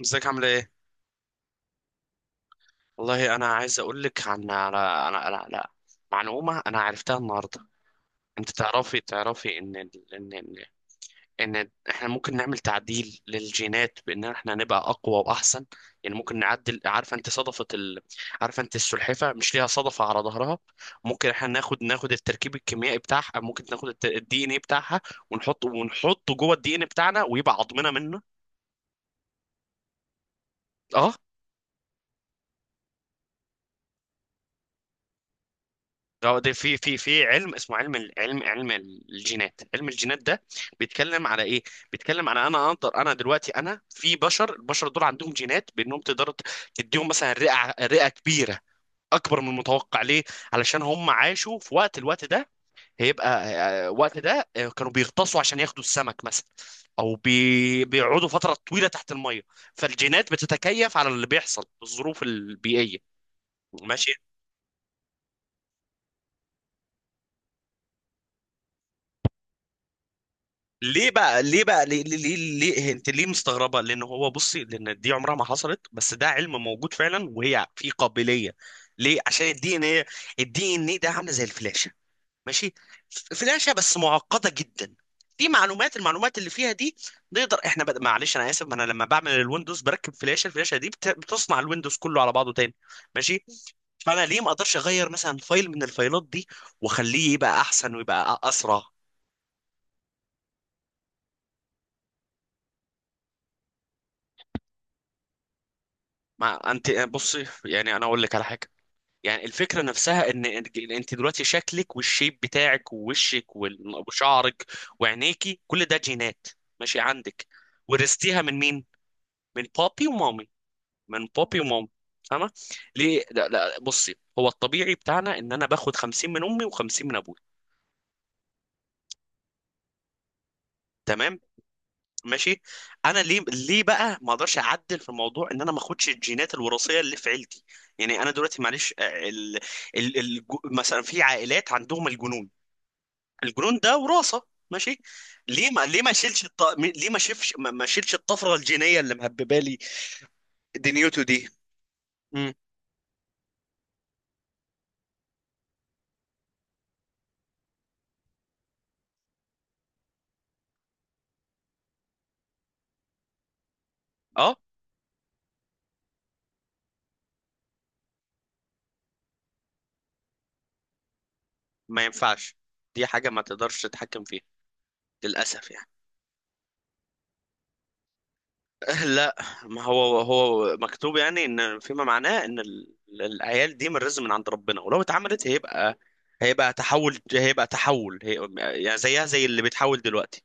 ازيك عامله ايه؟ والله انا عايز اقول لك عن على معلومه انا عرفتها النهارده. انت تعرفي ان ال- ان ان ان احنا ممكن نعمل تعديل للجينات بان احنا نبقى اقوى واحسن. يعني ممكن نعدل، عارفه انت صدفه عارفه انت السلحفه مش ليها صدفه على ظهرها؟ ممكن احنا ناخد التركيب الكيميائي بتاعها، ممكن ناخد الدي ان ايه بتاعها ونحطه جوه الدي ان بتاعنا ويبقى عظمنا منه. اه اه، ده في علم اسمه علم الجينات علم الجينات ده بيتكلم على ايه؟ بيتكلم على انا دلوقتي انا في بشر. البشر دول عندهم جينات بانهم تقدر تديهم مثلا رئة كبيرة اكبر من المتوقع. ليه؟ علشان هم عاشوا في الوقت ده. هيبقى وقت ده، كانوا بيغطسوا عشان ياخدوا السمك مثلا، او بيقعدوا فترة طويلة تحت المية. فالجينات بتتكيف على اللي بيحصل، الظروف البيئية. ماشي. ليه بقى ليه بقى ليه ليه ليه, ليه؟ انت ليه مستغربه؟ لان هو بصي، لان دي عمرها ما حصلت، بس ده علم موجود فعلا وهي في قابليه. ليه؟ عشان الدي ان ايه، الدي ان ايه ده عامله زي الفلاشه. ماشي. فلاشه بس معقده جدا. في المعلومات اللي فيها دي نقدر احنا معلش انا اسف. ما انا لما بعمل الويندوز بركب فلاشه، الفلاشه دي بتصنع الويندوز كله على بعضه تاني. ماشي. فانا ليه ما اقدرش اغير مثلا فايل من الفايلات دي واخليه يبقى احسن ويبقى اسرع؟ ما انت بصي، يعني انا اقول لك على حاجه. يعني الفكره نفسها ان انت دلوقتي شكلك والشيب بتاعك ووشك وشعرك وعينيكي، كل ده جينات. ماشي، عندك؟ ورثتيها من مين؟ من بابي ومامي. من بابي ومامي، فاهمه؟ ليه لا لا، بصي، هو الطبيعي بتاعنا ان انا باخد 50 من امي و50 من ابوي. تمام، ماشي. انا ليه بقى ما اقدرش اعدل في الموضوع ان انا ما اخدش الجينات الوراثيه اللي في عيلتي؟ يعني انا دلوقتي معلش، مثلا في عائلات عندهم الجنون. الجنون ده وراثه. ماشي. ليه ما ليه ما شيلش الط... ليه ما شيلش ما ما شيلش الطفره الجينيه اللي مهببه لي دنيوتو دي؟ امم، اه، ما ينفعش. دي حاجه ما تقدرش تتحكم فيها للاسف يعني. لا، ما هو هو مكتوب يعني، ان فيما معناه ان العيال دي من رزق من عند ربنا، ولو اتعملت هيبقى، هيبقى تحول هي. يعني زيها زي اللي بيتحول دلوقتي.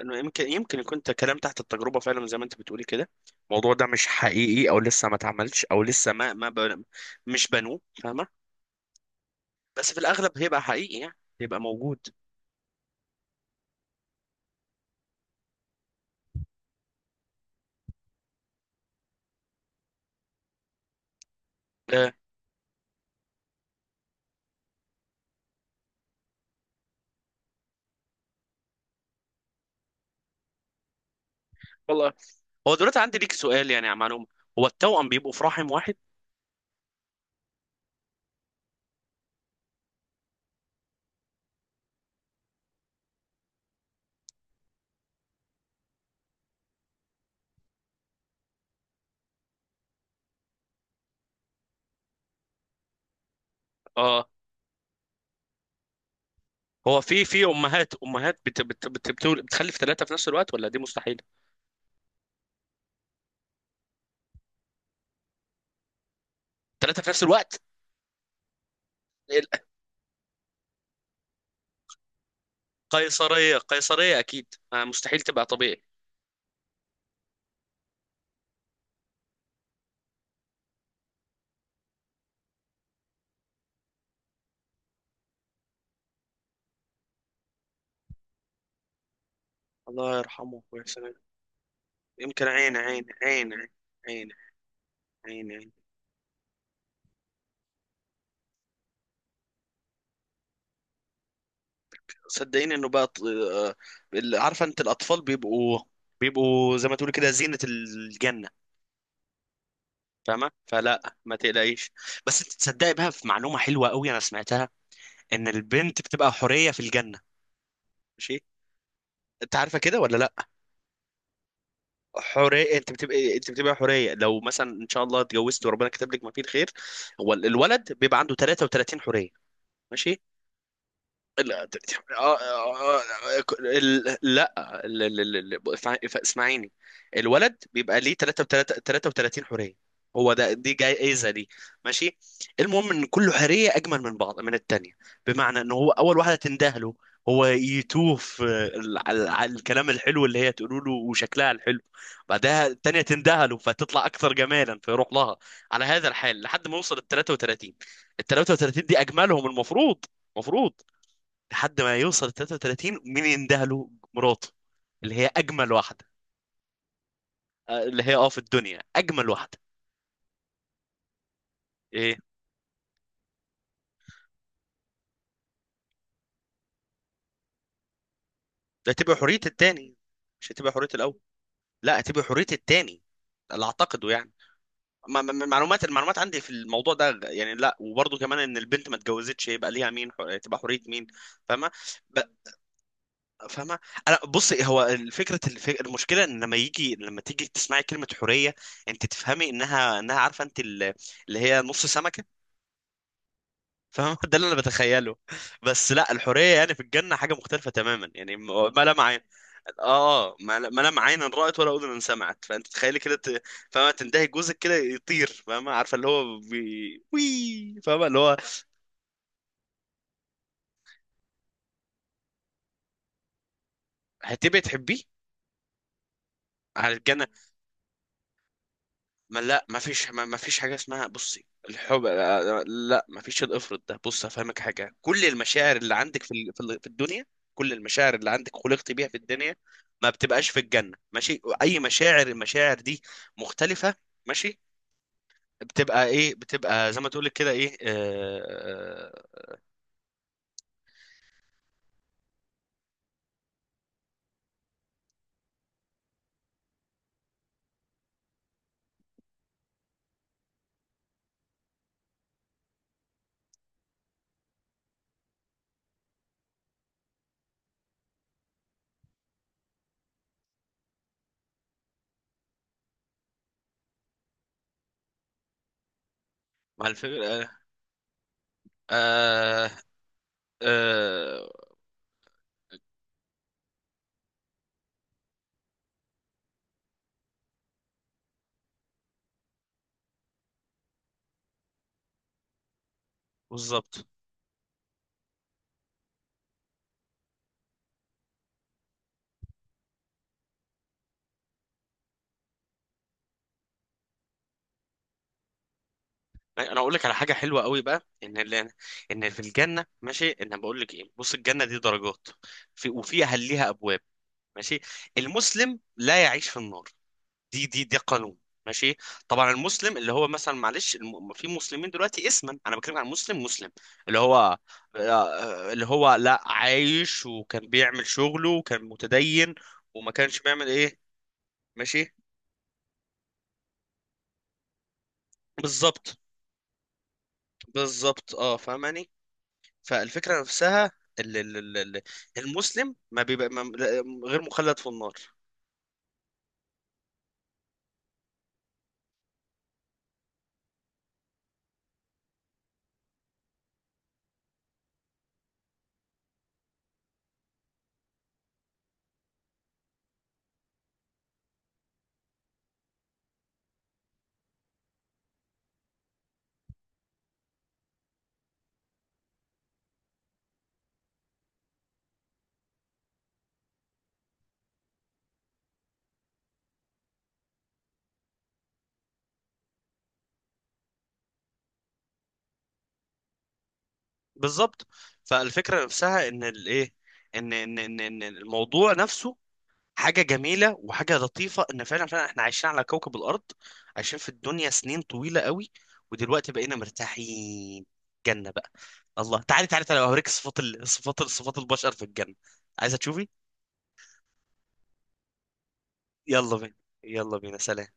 انه يمكن يكون كلام تحت التجربه فعلا زي ما انت بتقولي كده. الموضوع ده مش حقيقي او لسه ما اتعملش او لسه ما ما بن- مش بنوه، فاهمه؟ بس في الاغلب هيبقى حقيقي يعني، هيبقى موجود. آه والله. هو دلوقتي عندي ليك سؤال يعني، يا معلوم، هو التوأم بيبقوا في رحم واحد؟ اه. هو في في امهات، بتخلف ثلاثه في نفس الوقت ولا دي مستحيله؟ ثلاثه في نفس الوقت؟ قيصريه، قيصريه اكيد، مستحيل تبقى طبيعي. الله يرحمه ويحسن إليه. يمكن عين عين عين عين. عين. عين, عين. صدقيني انه بقى عارفه انت الاطفال بيبقوا، بيبقوا زي ما تقولي كده زينه الجنه، فاهمه؟ فلا ما تقلقيش. بس انت تصدقي بقى، في معلومه حلوه قوي انا سمعتها، ان البنت بتبقى حوريه في الجنه. ماشي. انت عارفه كده ولا لا؟ حريه، انت بتبقى، انت بتبقى حريه لو مثلا ان شاء الله اتجوزت وربنا كتب لك ما فيه الخير. هو الولد بيبقى عنده 33 حريه. ماشي. لا. لا اسمعيني. الولد بيبقى ليه 3 33 حوريه. هو ده، دي جايزه دي. ماشي. المهم ان كل حوريه اجمل من بعض، من التانيه. بمعنى ان هو اول واحده تنده له هو يتوه في الكلام الحلو اللي هي تقوله له وشكلها الحلو. بعدها التانيه تنده له فتطلع اكثر جمالا فيروح لها. على هذا الحال لحد ما يوصل ال 33. ال 33 دي اجملهم، المفروض، المفروض. لحد ما يوصل 33، مين يندهله له؟ مراته، اللي هي اجمل واحده. اللي هي اه في الدنيا اجمل واحده. ايه؟ ده تبقى حريه التاني، مش هتبقى حريه الاول. لا، هتبقى حريه التاني، اللي اعتقده يعني. ما- ما- ما- معلومات المعلومات عندي في الموضوع ده يعني، لا، وبرضه كمان ان البنت ما اتجوزتش، يبقى ليها مين؟ تبقى حريه مين؟ فاهمه؟ ب- فاهمه. انا بصي، هو الفكره المشكله ان لما يجي لما تيجي تسمعي كلمه حريه انت تفهمي انها، انها عارفه انت اللي هي نص سمكه، فاهم؟ ده اللي انا بتخيله. بس لا، الحوريه يعني في الجنه حاجه مختلفه تماما يعني، ما لا عين. اه اه، ما لا عين رأت ولا اذن سمعت. فانت تخيلي كده، فاهمه، تنتهي جوزك كده يطير. فاهمه، عارفه اللي هو وي، فاهمه اللي هو، هتبقي تحبيه على الجنه. ما لا، ما فيش حاجه اسمها بصي الحب، لا، ما فيش الافرط ده. بص هفهمك حاجه: كل المشاعر اللي عندك في الدنيا، كل المشاعر اللي عندك خلقت بيها في الدنيا، ما بتبقاش في الجنه. ماشي؟ اي مشاعر، المشاعر دي مختلفه. ماشي. بتبقى ايه؟ بتبقى زي ما تقولك كده ايه، مع الفكره، آه، آه، آه، بالظبط. انا اقول لك على حاجه حلوه قوي بقى، ان اللي، ان في الجنه ماشي، ان انا بقول لك ايه، بص، الجنه دي درجات، في وفيها ليها ابواب. ماشي. المسلم لا يعيش في النار، دي ده قانون. ماشي. طبعا المسلم اللي هو مثلا، معلش، في مسلمين دلوقتي اسما، انا بتكلم عن مسلم مسلم، اللي هو اللي هو لا عايش وكان بيعمل شغله وكان متدين، وما كانش بيعمل ايه. ماشي. بالظبط، بالظبط، اه، فاهماني. فالفكرة نفسها ال- ال- ال- ال- المسلم ما بيبقى ما غير مخلد في النار، بالظبط. فالفكرة نفسها ان الايه، ان الموضوع نفسه حاجة جميلة وحاجة لطيفة، ان فعلا فعلا احنا عايشين على كوكب الارض، عايشين في الدنيا سنين طويلة قوي، ودلوقتي بقينا مرتاحين، جنة بقى. الله. تعالي تعالي تعالي اوريك صفات صفات البشر في الجنة. عايزة تشوفي؟ يلا بينا، يلا بينا. سلام.